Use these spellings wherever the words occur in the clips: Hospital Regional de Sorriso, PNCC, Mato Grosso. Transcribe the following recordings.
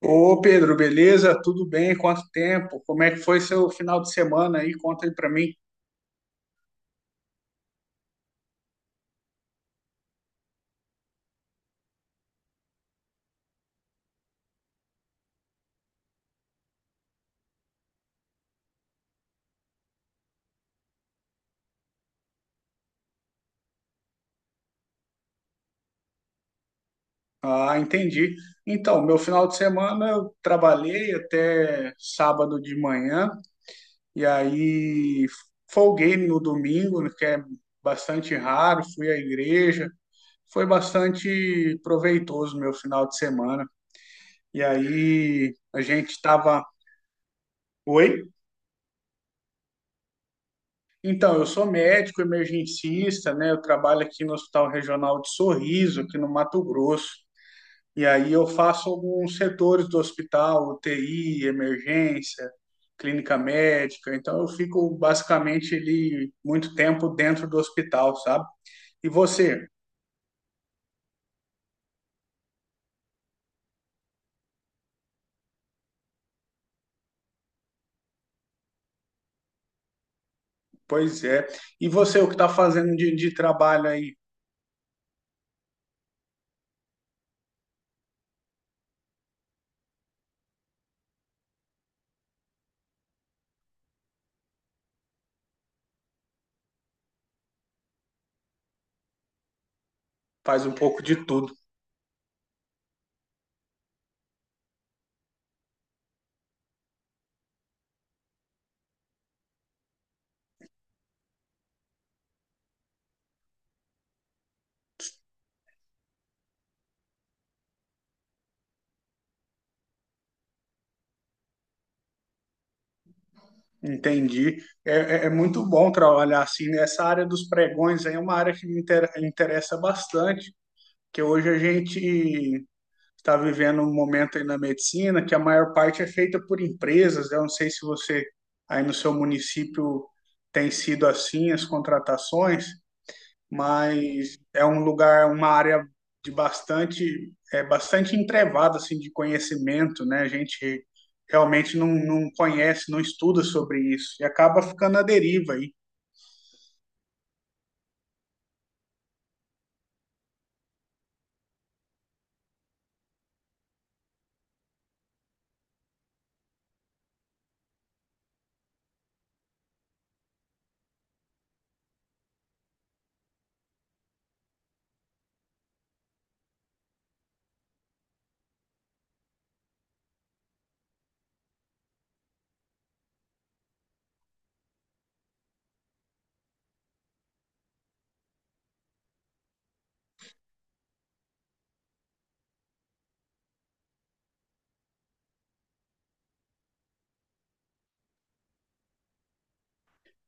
Ô Pedro, beleza? Tudo bem? Quanto tempo? Como é que foi seu final de semana aí? Conta aí pra mim. Ah, entendi. Então, meu final de semana eu trabalhei até sábado de manhã e aí folguei no domingo, né, que é bastante raro. Fui à igreja, foi bastante proveitoso meu final de semana. E aí a gente estava. Oi? Então, eu sou médico emergencista, né? Eu trabalho aqui no Hospital Regional de Sorriso, aqui no Mato Grosso. E aí eu faço alguns setores do hospital, UTI, emergência, clínica médica. Então, eu fico basicamente ali muito tempo dentro do hospital, sabe? E você? Pois é. E você, o que está fazendo de trabalho aí? Faz um pouco de tudo. Entendi. É, é muito bom trabalhar assim, né? Essa área dos pregões aí é uma área que me interessa bastante. Que hoje a gente está vivendo um momento aí na medicina que a maior parte é feita por empresas, né? Eu não sei se você aí no seu município tem sido assim as contratações, mas é um lugar, uma área de bastante, é bastante entrevada assim de conhecimento, né? A gente realmente não conhece, não estuda sobre isso e acaba ficando à deriva aí.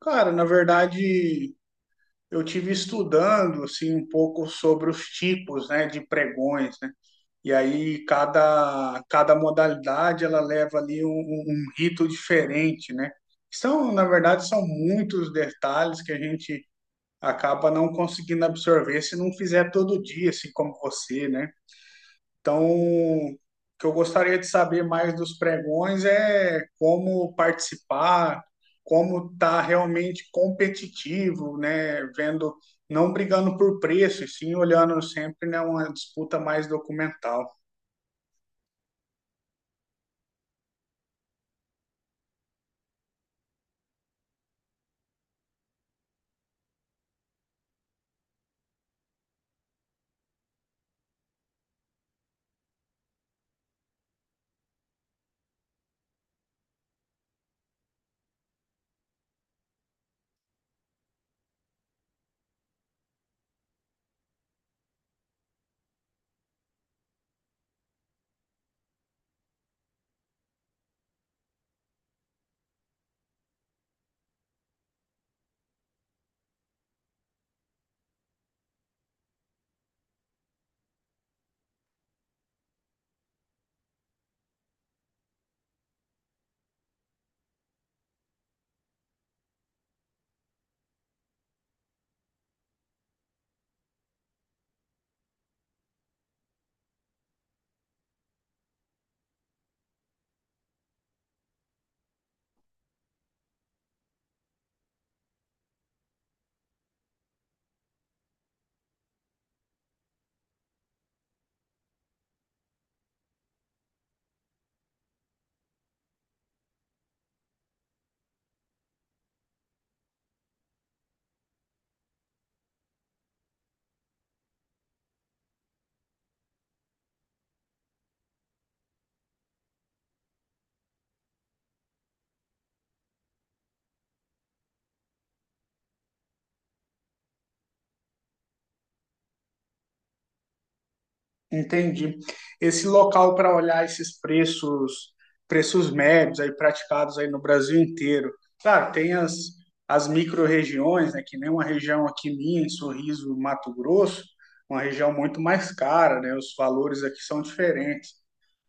Cara, na verdade, eu tive estudando assim um pouco sobre os tipos, né, de pregões, né? E aí cada modalidade ela leva ali um, um rito diferente, né? São, na verdade, são muitos detalhes que a gente acaba não conseguindo absorver se não fizer todo dia, assim como você, né? Então, o que eu gostaria de saber mais dos pregões é como participar, como estar realmente competitivo, né? Vendo, não brigando por preço, e sim olhando sempre, né, uma disputa mais documental. Entendi. Esse local para olhar esses preços, preços médios aí praticados aí no Brasil inteiro. Claro, tem as, as micro-regiões, né, que nem uma região aqui minha, em Sorriso, Mato Grosso, uma região muito mais cara, né? Os valores aqui são diferentes.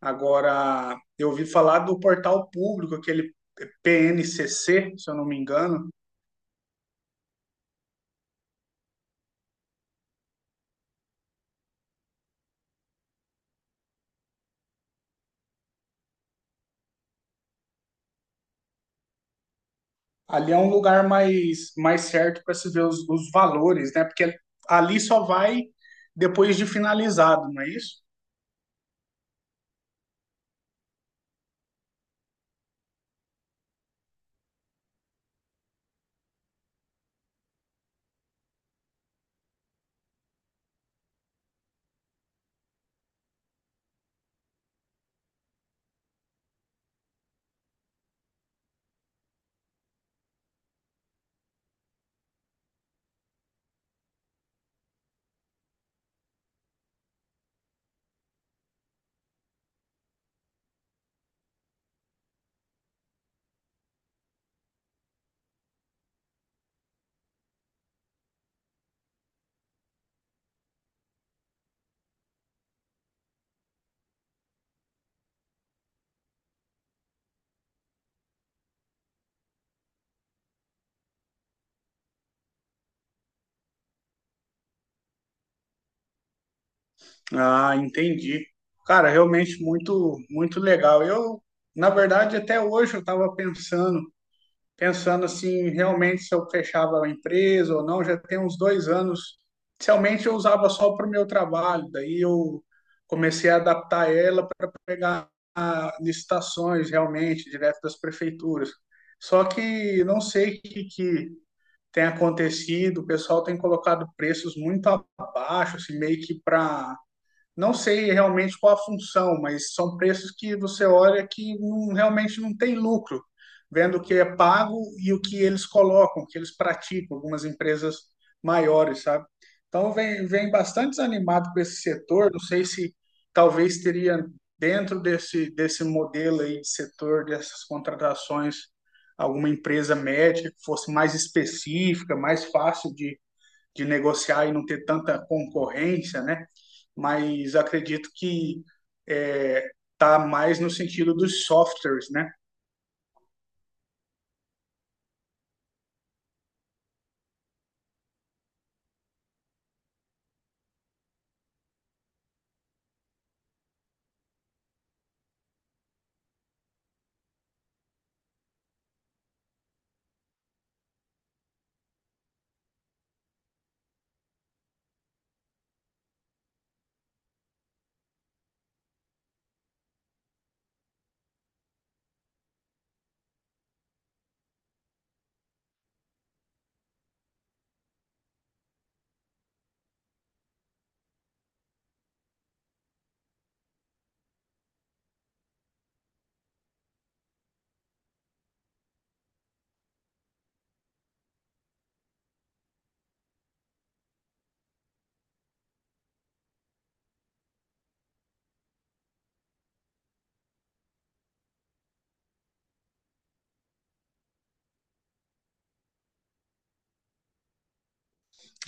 Agora, eu ouvi falar do portal público, aquele PNCC, se eu não me engano. Ali é um lugar mais, mais certo para se ver os valores, né? Porque ali só vai depois de finalizado, não é isso? Ah, entendi. Cara, realmente muito, muito legal. Eu, na verdade, até hoje eu estava pensando assim, realmente se eu fechava a empresa ou não, já tem uns 2 anos. Inicialmente eu usava só para o meu trabalho, daí eu comecei a adaptar ela para pegar licitações realmente, direto das prefeituras. Só que não sei o que, que tem acontecido, o pessoal tem colocado preços muito abaixo, assim, meio que para não sei realmente qual a função, mas são preços que você olha que realmente não tem lucro, vendo o que é pago e o que eles colocam, o que eles praticam, algumas empresas maiores, sabe? Então, vem bastante desanimado com esse setor. Não sei se talvez teria dentro desse modelo aí de setor, dessas contratações, alguma empresa média que fosse mais específica, mais fácil de negociar e não ter tanta concorrência, né? Mas acredito que é, tá mais no sentido dos softwares, né?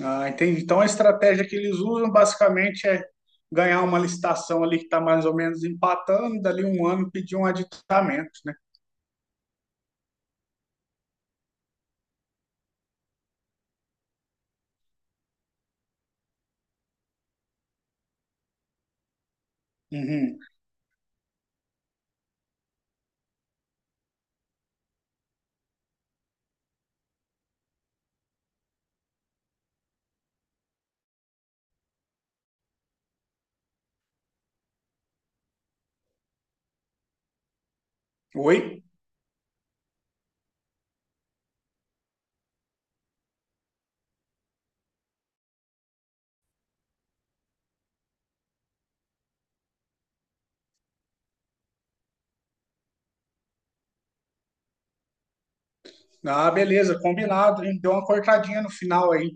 Ah, entendi. Então a estratégia que eles usam basicamente é ganhar uma licitação ali que está mais ou menos empatando, dali um ano pedir um aditamento, né? Uhum. Oi? Ah, beleza, combinado, hein? Deu uma cortadinha no final aí.